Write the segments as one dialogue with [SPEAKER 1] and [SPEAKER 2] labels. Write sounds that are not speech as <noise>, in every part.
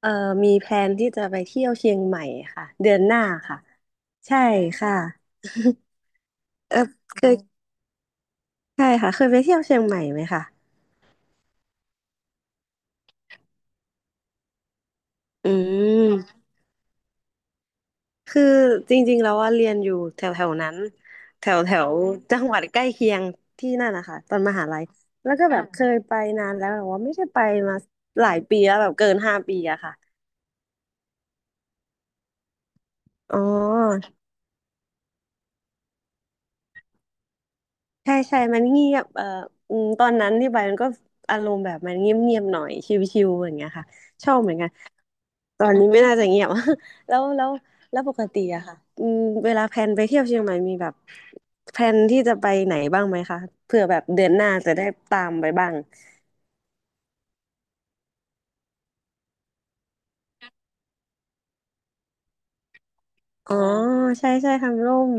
[SPEAKER 1] เอ่อมีแพลนที่จะไปเที่ยวเชียงใหม่ค่ะเดือนหน้าค่ะใช่ค่ะเออเคยใช่ค่ะเคยไปเที่ยวเชียงใหม่ไหมคะอืมคือจริงๆแล้วว่าเรียนอยู่แถวแถวนั้นแถวแถวจังหวัดใกล้เคียงที่นั่นนะคะตอนมหาลัยแล้วก็แบบเคยไปนานแล้วแต่ว่าไม่ได้ไปมาหลายปีแล้วแบบเกิน5 ปีอะค่ะอ๋อ ใช่ใช่มันเงียบอืมตอนนั้นที่ไปมันก็อารมณ์แบบมันเงียบเงียบหน่อยชิวๆอย่างเงี้ยค่ะชอบเหมือนกันตอนนี้ไม่น่าจะเงียบ <laughs> แล้วแล้วแล้วปกติอะค่ะอืมเวลาแพลนไปเที่ยวเชียงใหม่มีแบบแพลนที่จะไปไหนบ้างไหมคะเผื่อแบบเดือนหน้าจะได้ตามไปบ้าง อ๋อใช่ใช่ทำร่ม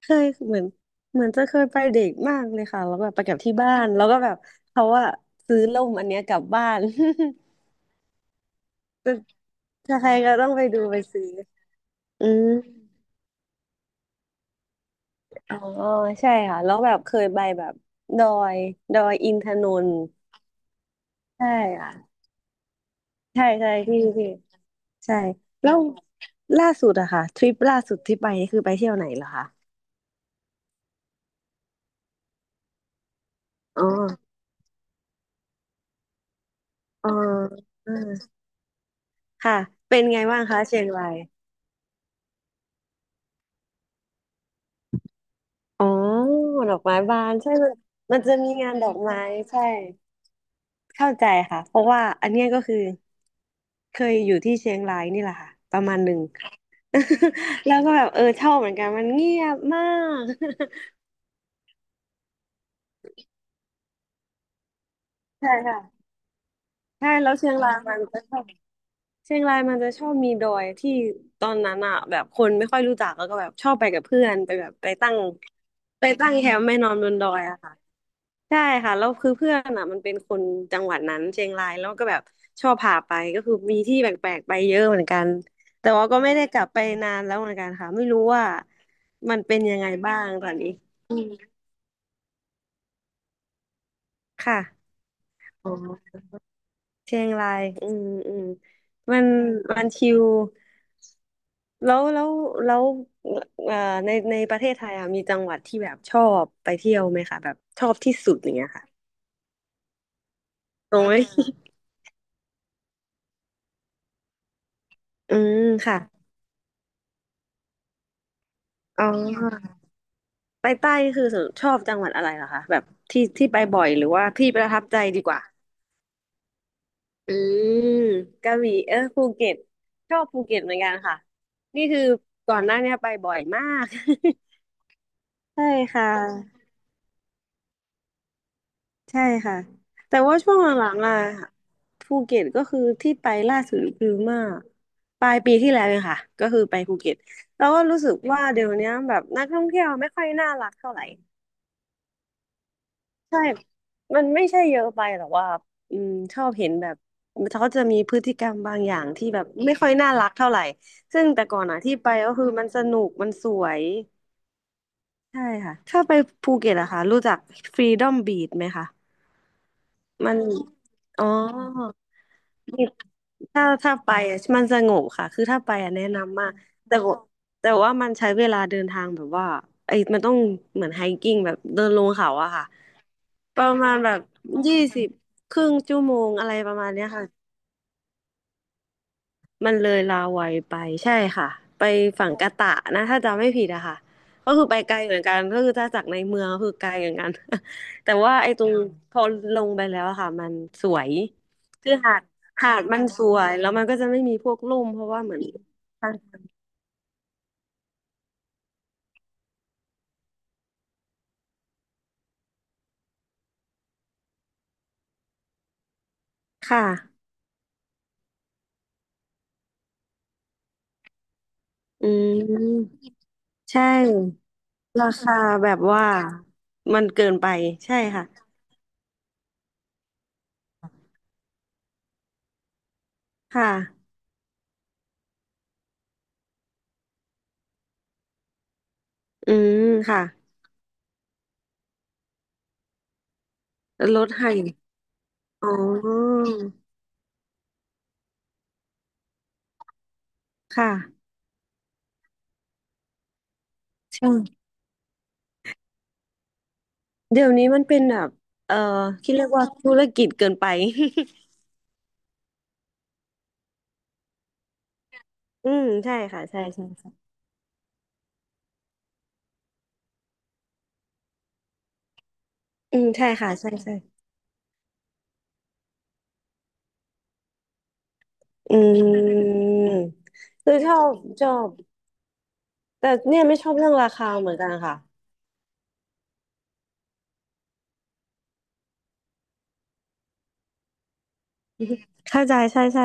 [SPEAKER 1] เคยเหมือนเหมือนจะเคยไปเด็กมากเลยค่ะแล้วแบบไปกับที่บ้านแล้วก็แบบเขาว่าซื้อร่มอันเนี้ยกลับบ้าน <laughs> ใช่ก็ต้องไปดูไปซื้อ อืมอ๋อ ใช่ค่ะ แล้วแบบเคยไปแบบดอยดอยอินทนนท์ใช่ค่ะ ใช่ใช่พี่พี่ ใช่ แล้วล่าสุดอะค่ะทริปล่าสุดที่ไปนี่คือไปเที่ยวไหนเหรอคะอ๋อ อ๋ออ่าค่ะ เป็นไงบ้างคะเชียงรายอ๋อ ดอกไม้บานใช่มันมันจะมีงานดอกไม้ใช่ เข้าใจค่ะ เพราะว่าอันเนี้ยก็คือ เคยอยู่ที่เชียงรายนี่แหละค่ะประมาณหนึ่ง <laughs> แล้วก็แบบเออชอบเหมือนกันมันเงียบมาก <laughs> ใช่ค่ะ <laughs> ใช่แล้วเชียงรายมันก็ชอบ เชียงรายมันจะชอบมีดอยที่ตอนนั้นอะแบบคนไม่ค่อยรู้จักแล้วก็แบบชอบไปกับเพื่อนไปแบบไปตั้งแคมป์ไม่นอนบนดอยอะค่ะใช่ค่ะแล้วคือเพื่อนอ่ะมันเป็นคนจังหวัดนั้นเชียงรายแล้วก็แบบชอบพาไปก็คือมีที่แปลกๆไปเยอะเหมือนกันแต่ว่าก็ไม่ได้กลับไปนานแล้วเหมือนกันค่ะไม่รู้ว่ามันเป็นยังไงบ้างตอนนี้อืมค่ะอ๋อเชียงรายอืมอืมมันมันชิล แล้วแล้วแล้วเอ่อในประเทศไทยอะมีจังหวัดที่แบบชอบไปเที่ยวไหมคะแบบชอบที่สุดอย่างเงี้ยค่ะตรงไหม <laughs> อืมค่ะอ๋อไปใต้คือชอบจังหวัดอะไรเหรอคะแบบที่ที่ไปบ่อยหรือว่าที่ประทับใจดีกว่าอืมกระบี่เออภูเก็ตชอบภูเก็ตเหมือนกันค่ะนี่คือก่อนหน้าเนี้ยไปบ่อยมาก <laughs> ใช่ค่ะ ใช่ค่ะแต่ว่าช่วงหลังๆอ่ะภูเก็ตก็คือที่ไปล่าสุดคือเมื่อปลายปีที่แล้วเองค่ะก็คือไปภูเก็ตแล้วก็รู้สึกว่าเดี๋ยวเนี้ยแบบนักท่องเที่ยวไม่ค่อยน่ารักเท่าไหร่ใช่มันไม่ใช่เยอะไปหรอกว่าอืมชอบเห็นแบบเขาจะมีพฤติกรรมบางอย่างที่แบบไม่ค่อยน่ารักเท่าไหร่ซึ่งแต่ก่อนอ่ะที่ไปก็คือมันสนุกมันสวยใช่ค่ะถ้าไปภูเก็ตอะค่ะรู้จัก Freedom Beach ไหมคะมันอ๋อ ถ้าถ้าไปอ่ะมันสงบค่ะคือถ้าไปอ่ะแนะนำมากแต่ว่าแต่ว่ามันใช้เวลาเดินทางแบบว่าไอ้มันต้องเหมือนไฮกิ้งแบบเดินลงเขาอะค่ะประมาณแบบ20ครึ่งชั่วโมงอะไรประมาณเนี้ยค่ะ มันเลยลาวัยไปใช่ค่ะไปฝั่งกะตะนะถ้าจำไม่ผิดอะค่ะก็คือไปไกลเหมือนกันก็คือถ้าจากในเมืองก็คือไกลเหมือนกัน <laughs> แต่ว่าไอ้ตรงพอลงไปแล้วอะค่ะมันสวยคือหาดหาดมันสวยแล้วมันก็จะไม่มีพวกร่มเพราะว่าเหมือนค่ะอืมใช่ราคาแบบว่ามันเกินไปใช่ค่ะค่ะอืมค่ะลดให้อ๋อค่ะใช่ เดี๋ยวนี้มันเป็นแบบเอ่อคิดเรียกว่าธุรกิจเกินไป <laughs> อืมใช่ค่ะใช่ใช่ใช่อืมใช่ค่ะใช่ใช่อืมคือชอบแต่เนี่ยไม่ชอบเรื่องราคาเหมือนกันค่ะ <laughs> เข้าใจใช่ใช่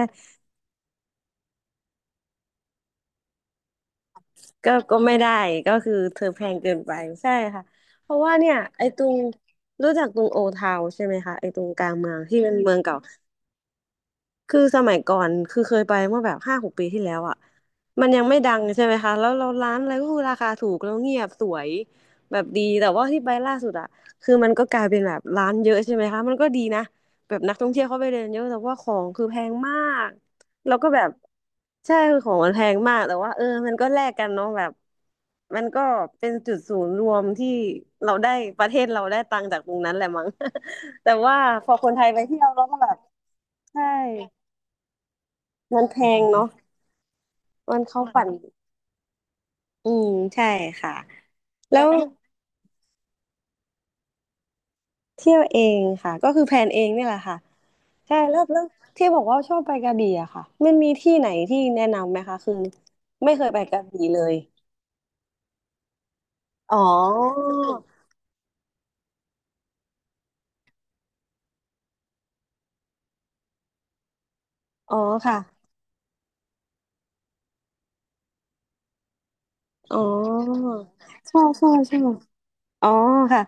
[SPEAKER 1] ก็ก็ไม่ได้ก็คือเธอแพงเกินไปใช่ค่ะเพราะว่าเนี่ยไอ้ตรงรู้จักตรงโอทาวใช่ไหมคะไอ้ตรงกลางเมืองที่เป็นเมืองเก่า คือสมัยก่อนคือเคยไปเมื่อแบบ5-6 ปีที่แล้วอ่ะมันยังไม่ดังใช่ไหมคะแล้วเราร้านอะไรก็คือราคาถูกแล้วเงียบสวยแบบดีแต่ว่าที่ไปล่าสุดอ่ะคือมันก็กลายเป็นแบบร้านเยอะใช่ไหมคะมันก็ดีนะแบบนักท่องเที่ยวเข้าไปเดินเยอะแต่ว่าของคือแพงมากแล้วก็แบบใช่คือของมันแพงมากแต่ว่ามันก็แลกกันเนาะแบบมันก็เป็นจุดศูนย์รวมที่เราได้ประเทศเราได้ตังค์จากตรงนั้นแหละมั้ง <laughs> แต่ว่าพอคนไทยไปเที่ยวเราก็แบบใช่ มันแพงเนาะมันเข้าฝันอืมใช่ค่ะแล้วเที่ยวเองค่ะก็คือแพลนเองนี่แหละค่ะใช่แล้วแล้วที่บอกว่าชอบไปกระบี่อะค่ะมันมีที่ไหนที่แนะนำไหมคะคือไม่เคยไปกระบี่เลยอ๋ออ๋อค่ะอ๋อใช่ใช่ใช่อ๋อค่ะ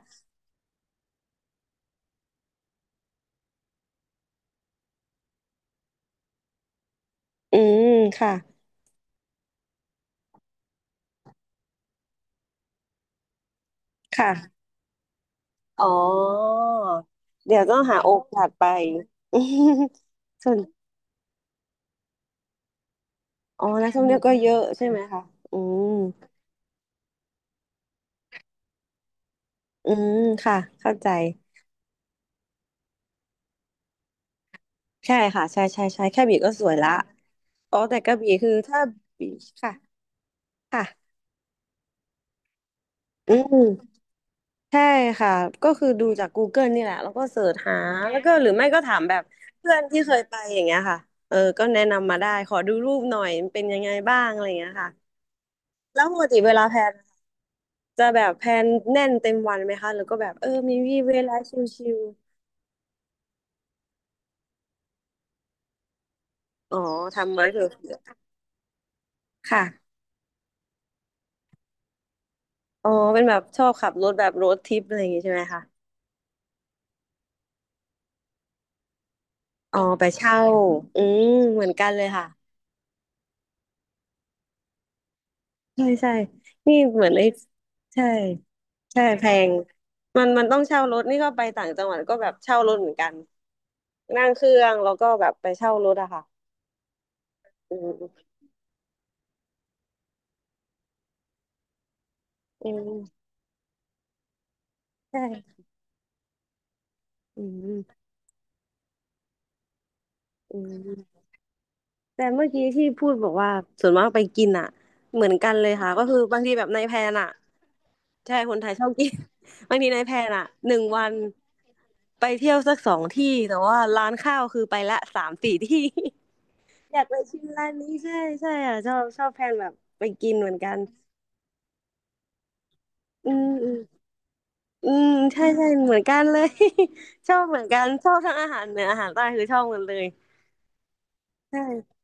[SPEAKER 1] อืมค่ะค่ะอ๋อเดี๋ยวต้องหาโอกาสไป <laughs> ส่วนอ๋อนักท่องเที่ยวก็เยอะใช่ไหมคะอืม อืมค่ะเข้าใจใช่ค่ะใช่ใช่ใช่แค่บีก็สวยละอ๋อแต่กระบี่คือถ้าบีค่ะค่ะอืมใช่ค่ะก็คือดูจากกูเกิลนี่แหละแล้วก็เสิร์ชหาแล้วก็หรือไม่ก็ถามแบบเพื่อนที่เคยไปอย่างเงี้ยค่ะก็แนะนำมาได้ขอดูรูปหน่อยมันเป็นยังไงบ้างอะไรอย่างเงี้ยค่ะแล้วปกติเวลาแพลนจะแบบแพลนแน่นเต็มวันไหมคะหรือก็แบบมีวีเวลาชิลๆอ๋อทำไว้เถอะค่ะอ๋อเป็นแบบชอบขับรถแบบโรดทริปอะไรอย่างงี้ใช่ไหมคะ อ๋อไปเช่า อืมเหมือนกันเลยค่ะใช่ใช่นี่เหมือนไอ้ใช่ใช่แพงมันมันต้องเช่ารถนี่ก็ไปต่างจังหวัดก็แบบเช่ารถเหมือนกันนั่งเครื่องแล้วก็แบบไปเช่ารถอะค่ะอืมอืมใช่อืมอืม แต่เมื่อกี้ที่พูดบอกว่าส่วนมากไปกินอ่ะเหมือนกันเลยค่ะก็คือบางทีแบบในแพลนอ่ะใช่คนไทยชอบกิน <laughs> บางทีในแพลนอ่ะ1 วันไปเที่ยวสัก2 ที่แต่ว่าร้านข้าวคือไปละ3-4 ที่ <laughs> อยากไปชิมร้านนี้ใช่ใช่อ่ะชอบชอบแพลนแบบไปกินเหมือนกันอืมอืมอืมใช่ใช่เหมือนกันเลย <laughs> ชอบเหมือนกันชอบทั้งอาหารเหนืออาหารใต้คือชอบหมดเลยใช่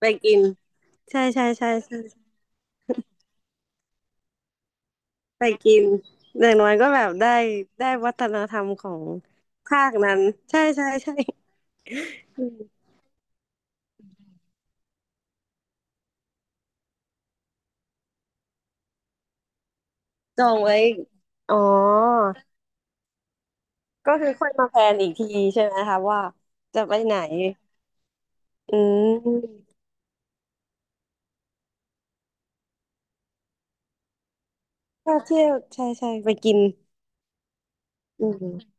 [SPEAKER 1] ไปกินใช่ใช่ใช่ใช่ ไปกินอย่างน้อยก็แบบได้ได้วัฒนธรรมของภาคนั้นใช่ใช่ใช่อืมจองไว้อ๋อก็คือค่อยมาแพลนอีกทีใช่ไหมคะว่าจะไปไหน อืมถ้าเที่ยวใช่ใช่ไปกิน อืม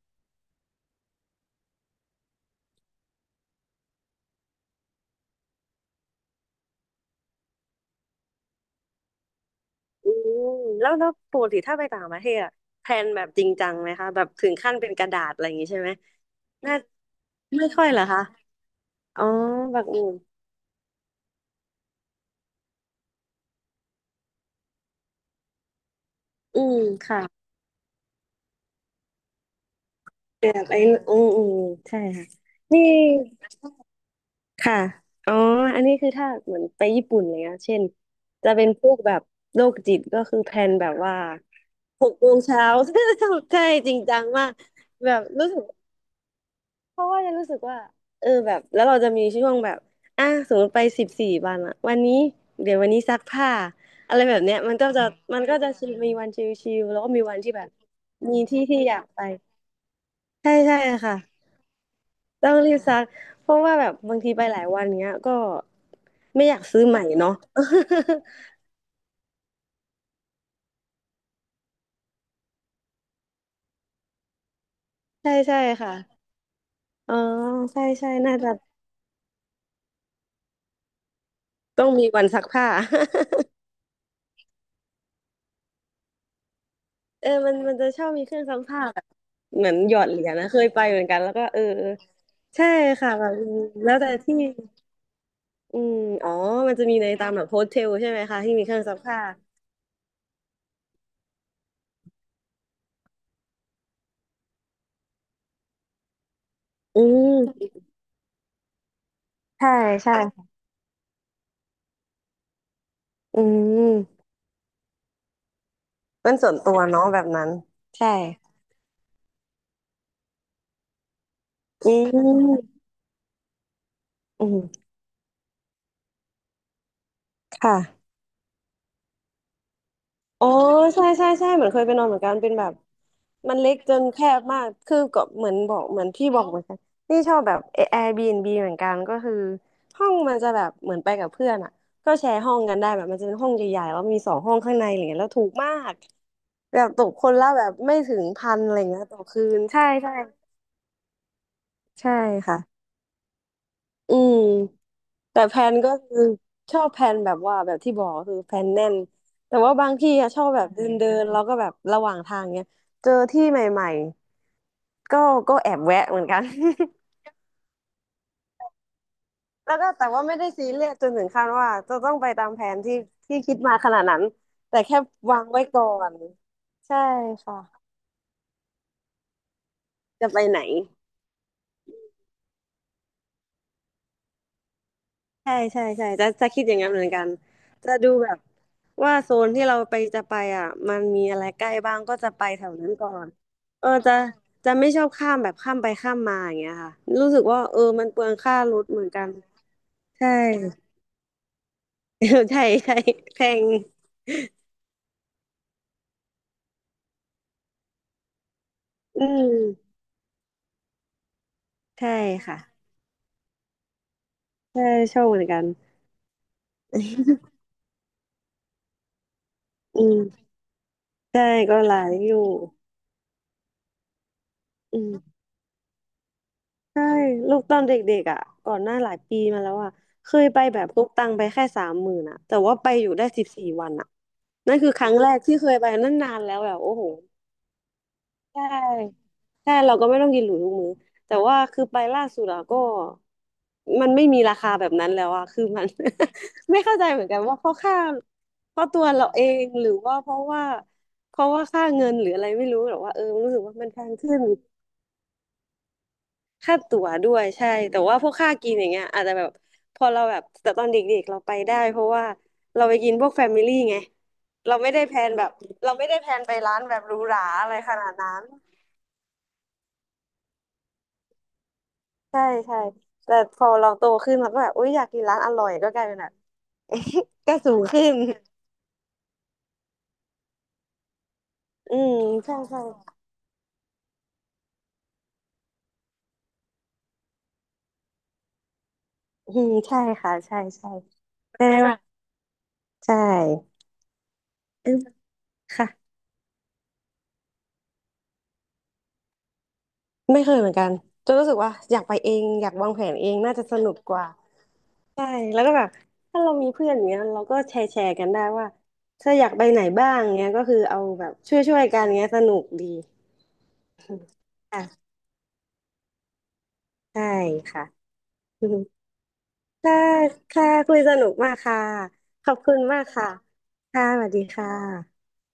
[SPEAKER 1] อืมแล้วแล้วปกติถ้าไปต่างประเทศอะแพลนแบบจริงจังไหมคะแบบถึงขั้นเป็นกระดาษอะไรอย่างงี้ใช่ไหมน่าไม่ค่อยเหรอคะ อ๋อแบบอื่นอืมค่ะแบบไอ้อืมอืมใช่ค่ะนี่ ค่ะอ๋ออันนี้คือถ้าเหมือนไปญี่ปุ่นอะไรเงี้ยเช่นจะเป็นพวกแบบโรคจิตก็คือแพลนแบบว่าหกโมงเช้า <laughs> ใช่จริงจังมากแบบรู้สึกเพราะว่าจะรู้สึกว่าแบบแล้วเราจะมีช่วงแบบอ่ะสมมติไปสิบสี่วันอะวันนี้เดี๋ยววันนี้ซักผ้าอะไรแบบเนี้ยมันก็จะมันก็จะชิลมีวันชิลๆแล้วก็มีวันที่แบบมีที่ที่อยากไปใช่ใช่ค่ะ ต้องรีบซักเพราะว่าแบบบางทีไปหลายวันเงี้ยก็ไม่อยากซื้อใหม่เนาะ <laughs> ใช่ใช่ค่ะอ๋อใช่ใช่น่าจะต้องมีวันซักผ้า <laughs> มันมันจะชอบมีเครื่องซักผ้าแบบเหมือนหยอดเหรียญนะเคยไปเหมือนกันแล้วก็เออเออใช่ค่ะแบบแล้วแต่ที่อืมอ๋อมันจะมีในตามแบบโฮสเทลใช่ไหมคะที่มีเครื่องซักผ้าอืมใช่ใช่ค่ะอืมเป็นส่วนตัวเนาะแบบนั้นใช่อืมอืมค่ะ อ๋อใช่ใช่ใช่เหมือนเคยไปนอนเหมือนกันเป็นแบบมันเล็กจนแคบมากคือก็เหมือนบอกเหมือนพี่บอกเหมือนกันนี่ชอบแบบ Airbnb เหมือนกันก็คือห้องมันจะแบบเหมือนไปกับเพื่อนอ่ะก็แชร์ห้องกันได้แบบมันจะเป็นห้องใหญ่ๆแล้วมี2 ห้องข้างในอะไรเงี้ยแล้วถูกมากแบบตกคนละแบบไม่ถึงพันอะไรเงี้ยต่อคืนใช่ใช่ใช่ค่ะอืม แต่แผนก็คือชอบแผนแบบว่าแบบที่บอกก็คือแผนแน่นแต่ว่าบางที่อะชอบแบบเดินเดินแล้วก็แบบระหว่างทางเนี้ยเจอที่ใหม่ๆก็ก็แอบแวะเหมือนกัน <laughs> แล้วก็แต่ว่าไม่ได้ซีเรียสจนถึงขั้นว่าจะต้องไปตามแผนที่ที่คิดมาขนาดนั้นแต่แค่วางไว้ก่อนใช่ค่ะจะไปไหน ใช่ใช่ใช่จะจะคิดอย่างนั้นเหมือนกันจะดูแบบว่าโซนที่เราไปจะไปอ่ะมันมีอะไรใกล้บ้างก็จะไปแถวนั้นก่อนจะจะไม่ชอบข้ามแบบข้ามไปข้ามมาอย่างเงี้ยค่ะรู้สึกว่ามันเปลืองค่ารถเหมือนกันใช่ <laughs> ใช่ใช่แพงอืมใช่ค่ะใช่ชอบเหมือนกัน <laughs> อืมใช่ก็หลายอยู่อืม ใช่ลูกตอนเด็กๆอ่ะก่อนหน้าหลายปีมาแล้วอ่ะเคยไปแบบพกตังค์ไปแค่30,000อ่ะแต่ว่าไปอยู่ได้สิบสี่วันอ่ะนั่นคือครั้งแรกที่เคยไปนั่นนานแล้วแบบโอ้โหใช่ใช่เราก็ไม่ต้องกินหรูทุกมื้อแต่ว่าคือไปล่าสุดอ่ะก็มันไม่มีราคาแบบนั้นแล้วอ่ะคือมัน <laughs> ไม่เข้าใจเหมือนกันว่าเพราะค่าเพราะตัวเราเองหรือว่าเพราะว่าเพราะว่าค่าเงินหรืออะไรไม่รู้หรอกว่ารู้สึกว่ามันแพงขึ้น ค่าตั๋วด้วยใช่แต่ว่าพวกค่ากินอย่างเงี้ยอาจจะแบบพอเราแบบแต่ตอนเด็กๆเราไปได้เพราะว่าเราไปกินพวกแฟมิลี่ไงเราไม่ได้แพลนแบบเราไม่ได้แพลนไปร้านแบบหรูหราอะไรขนาดนั้นใช่ใช่แต่พอเราโตขึ้นเราก็แบบอุ๊ยอยากกินร้านอร่อยก็กลายเป็นแบบ <laughs> ก็สูงขึ้นอืมใช่ใช่อืมใช่ค่ะใช่ใช่ใช่ไหมใช่อืมค่ะไม่เคยเหมือนกันจะรู้สึกว่าอยากไปเองอยากวางแผนเองน่าจะสนุกกว่า ใช่แล้วก็แบบถ้าเรามีเพื่อนอย่างเงี้ยเราก็แชร์แชร์กันได้ว่าถ้าอยากไปไหนบ้างเงี้ยก็คือเอาแบบช่วยช่วยกันเงี้ยสนุกดี <laughs> ค่ะใช่ค่ะ <laughs> อืมค่ะค่ะคุยสนุกมากค่ะขอบคุณมากค่ะค่ะสวัสดีค่ะ